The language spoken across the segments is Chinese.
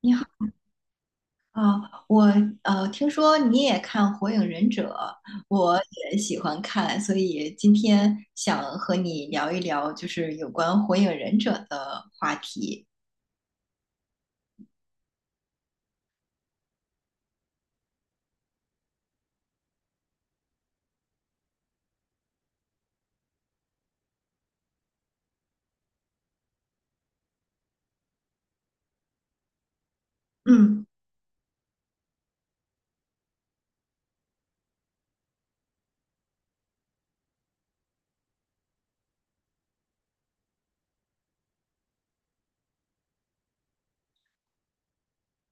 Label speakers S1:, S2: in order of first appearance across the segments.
S1: 你好啊，我听说你也看《火影忍者》，我也喜欢看，所以今天想和你聊一聊，就是有关《火影忍者》的话题。嗯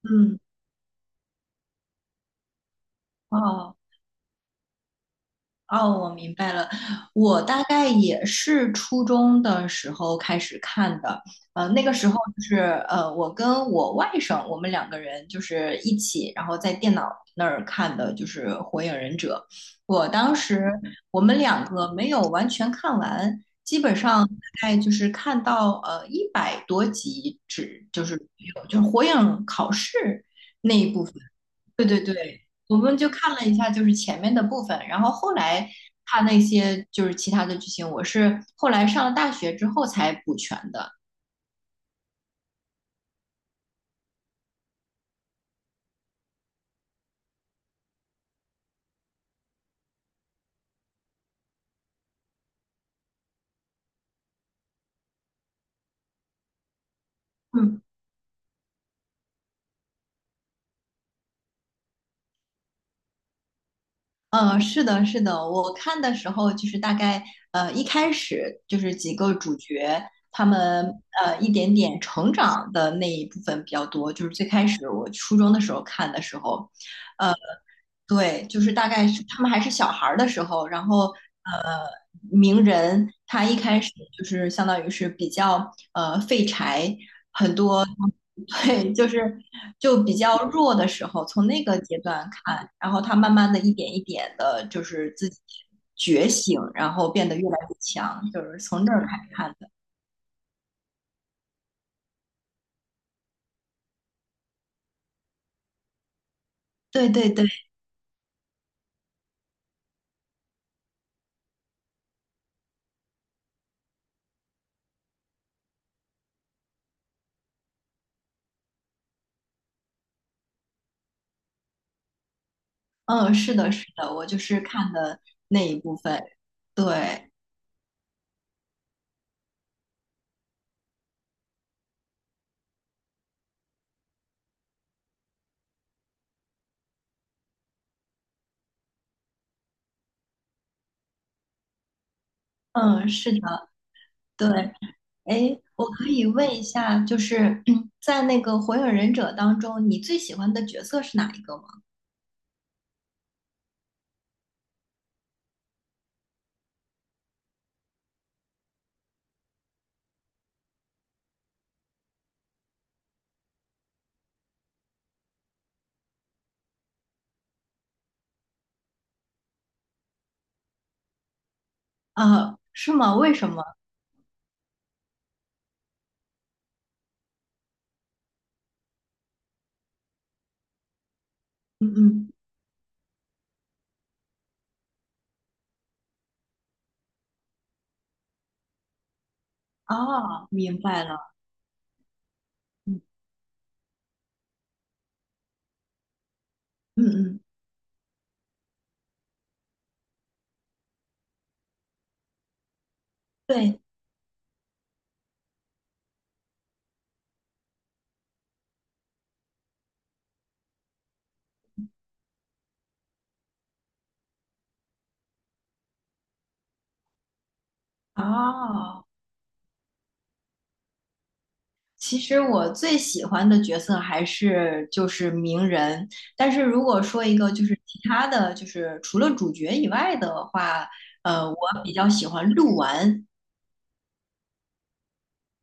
S1: 嗯，哦。哦，我明白了。我大概也是初中的时候开始看的，那个时候就是我跟我外甥，我们两个人就是一起，然后在电脑那儿看的，就是《火影忍者》。我当时我们两个没有完全看完，基本上大概就是看到100多集，只就是有就是火影考试那一部分。对对对，我们就看了一下，就是前面的部分，然后后来他那些就是其他的剧情，我是后来上了大学之后才补全的。嗯，是的，是的，我看的时候就是大概一开始就是几个主角他们一点点成长的那一部分比较多，就是最开始我初中的时候看的时候。呃对，就是大概是他们还是小孩儿的时候，然后呃，鸣人他一开始就是相当于是比较废柴，对，就是就比较弱的时候，从那个阶段看，然后他慢慢的一点一点的，就是自己觉醒，然后变得越来越强，就是从这儿开始看的。对对对，嗯，是的，是的，我就是看的那一部分，对，嗯，是的，对。哎，我可以问一下，就是嗯 在那个《火影忍者》当中，你最喜欢的角色是哪一个吗？啊，是吗？为什么？嗯嗯，哦，明白了。嗯嗯嗯，对，哦，其实我最喜欢的角色还是就是鸣人，但是如果说一个就是其他的就是除了主角以外的话，我比较喜欢鹿丸，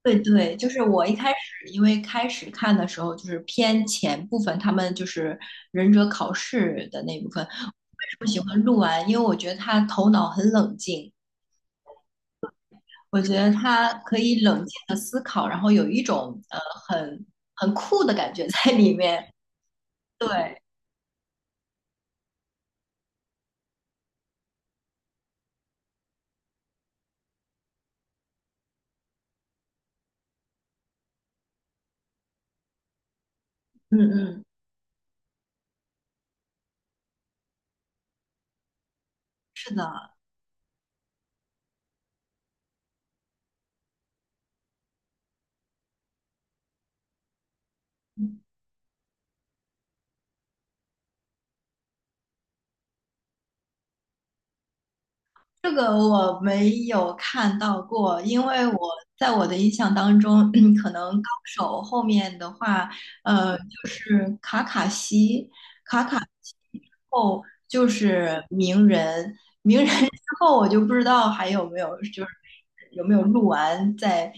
S1: 对对，就是我一开始，因为开始看的时候就是偏前部分，他们就是忍者考试的那部分。为什么喜欢鹿丸？因为我觉得他头脑很冷静，我觉得他可以冷静的思考，然后有一种很很酷的感觉在里面。对，嗯嗯，是的，这个我没有看到过，因为我在我的印象当中，可能高手后面的话，就是卡卡西，卡卡西之后就是鸣人，鸣人 之后我就不知道还有没有，就是有没有录完再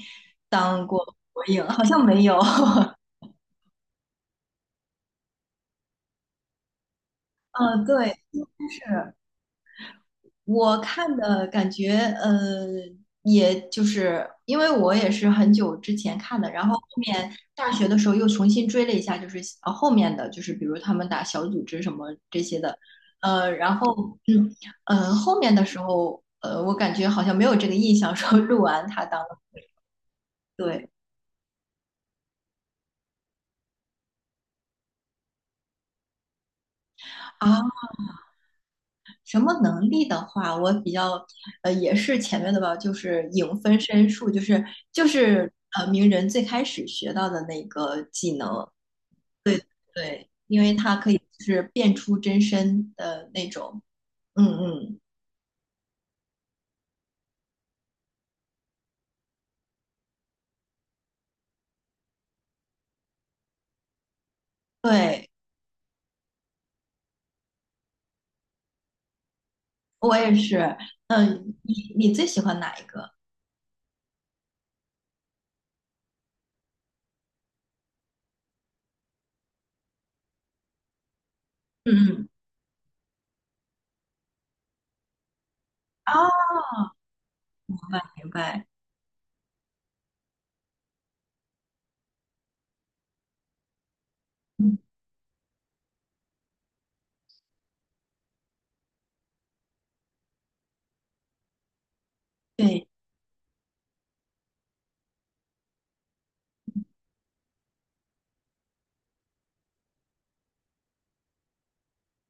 S1: 当过火影，好像没有。嗯，对。是。我看的感觉，呃，也就是因为我也是很久之前看的，然后后面大学的时候又重新追了一下，就是后面的就是比如他们打小组织什么这些的，然后后面的时候，我感觉好像没有这个印象说鹿完他当了对啊，什么能力的话，我比较也是前面的吧，就是影分身术，就是鸣人最开始学到的那个技能。对，对，因为它可以就是变出真身的那种。嗯嗯，对，我也是。嗯，你最喜欢哪一个？嗯嗯，哦，明白。嗯，对，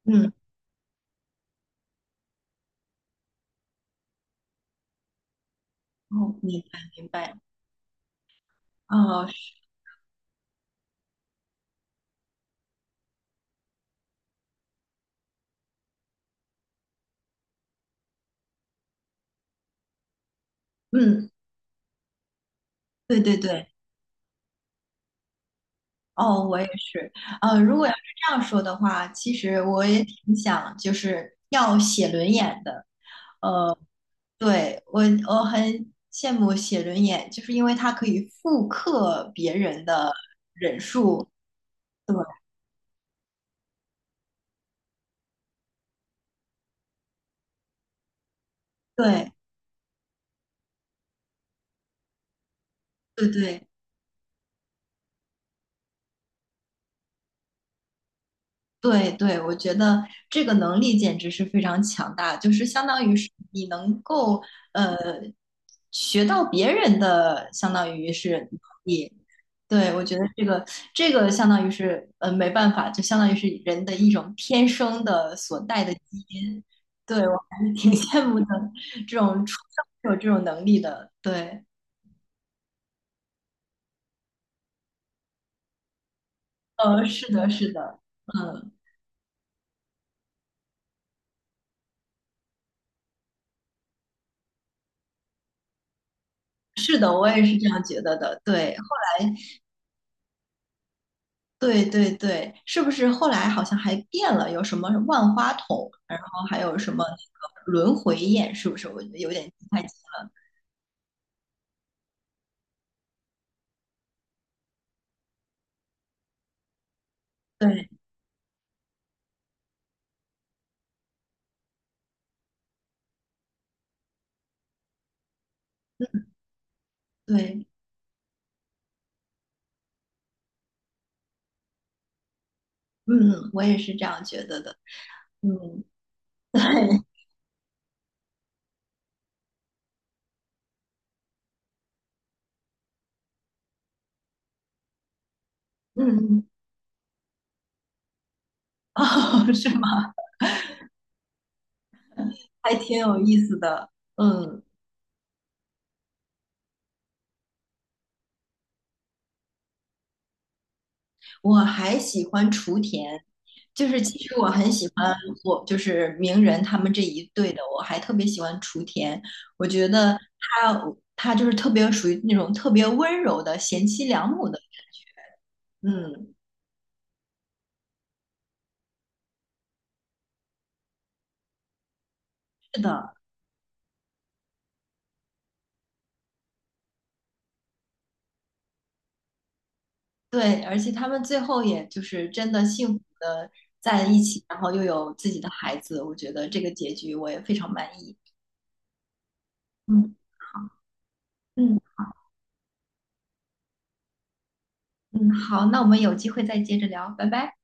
S1: 嗯，哦，明白明白。哦，是嗯，对对对。哦，我也是。如果要是这样说的话，其实我也挺想就是要写轮眼的。呃。对，我很羡慕写轮眼，就是因为它可以复刻别人的，对对对对，对对，我觉得这个能力简直是非常强大，就是相当于是你能够呃学到别人的，相当于是能力。对，我觉得这个相当于是没办法，就相当于是人的一种天生的所带的基因。对，我还是挺 羡慕的，这种出生就有这种能力的。对，是的，是的，嗯，是的，我也是这样觉得的。对。对对对，是不是后来好像还变了？有什么万花筒，然后还有什么那个轮回宴，是不是？我有点不太清。对嗯对，嗯，我也是这样觉得的。嗯，对，嗯嗯，哦，是吗？还挺有意思的。嗯。我还喜欢雏田，就是其实我很喜欢我就是鸣人他们这一对的，我还特别喜欢雏田，我觉得他他就是特别属于那种特别温柔的贤妻良母的，嗯，是的，对，而且他们最后也就是真的幸福的在一起，然后又有自己的孩子，我觉得这个结局我也非常满意。嗯好，嗯嗯，好，那我们有机会再接着聊，拜拜。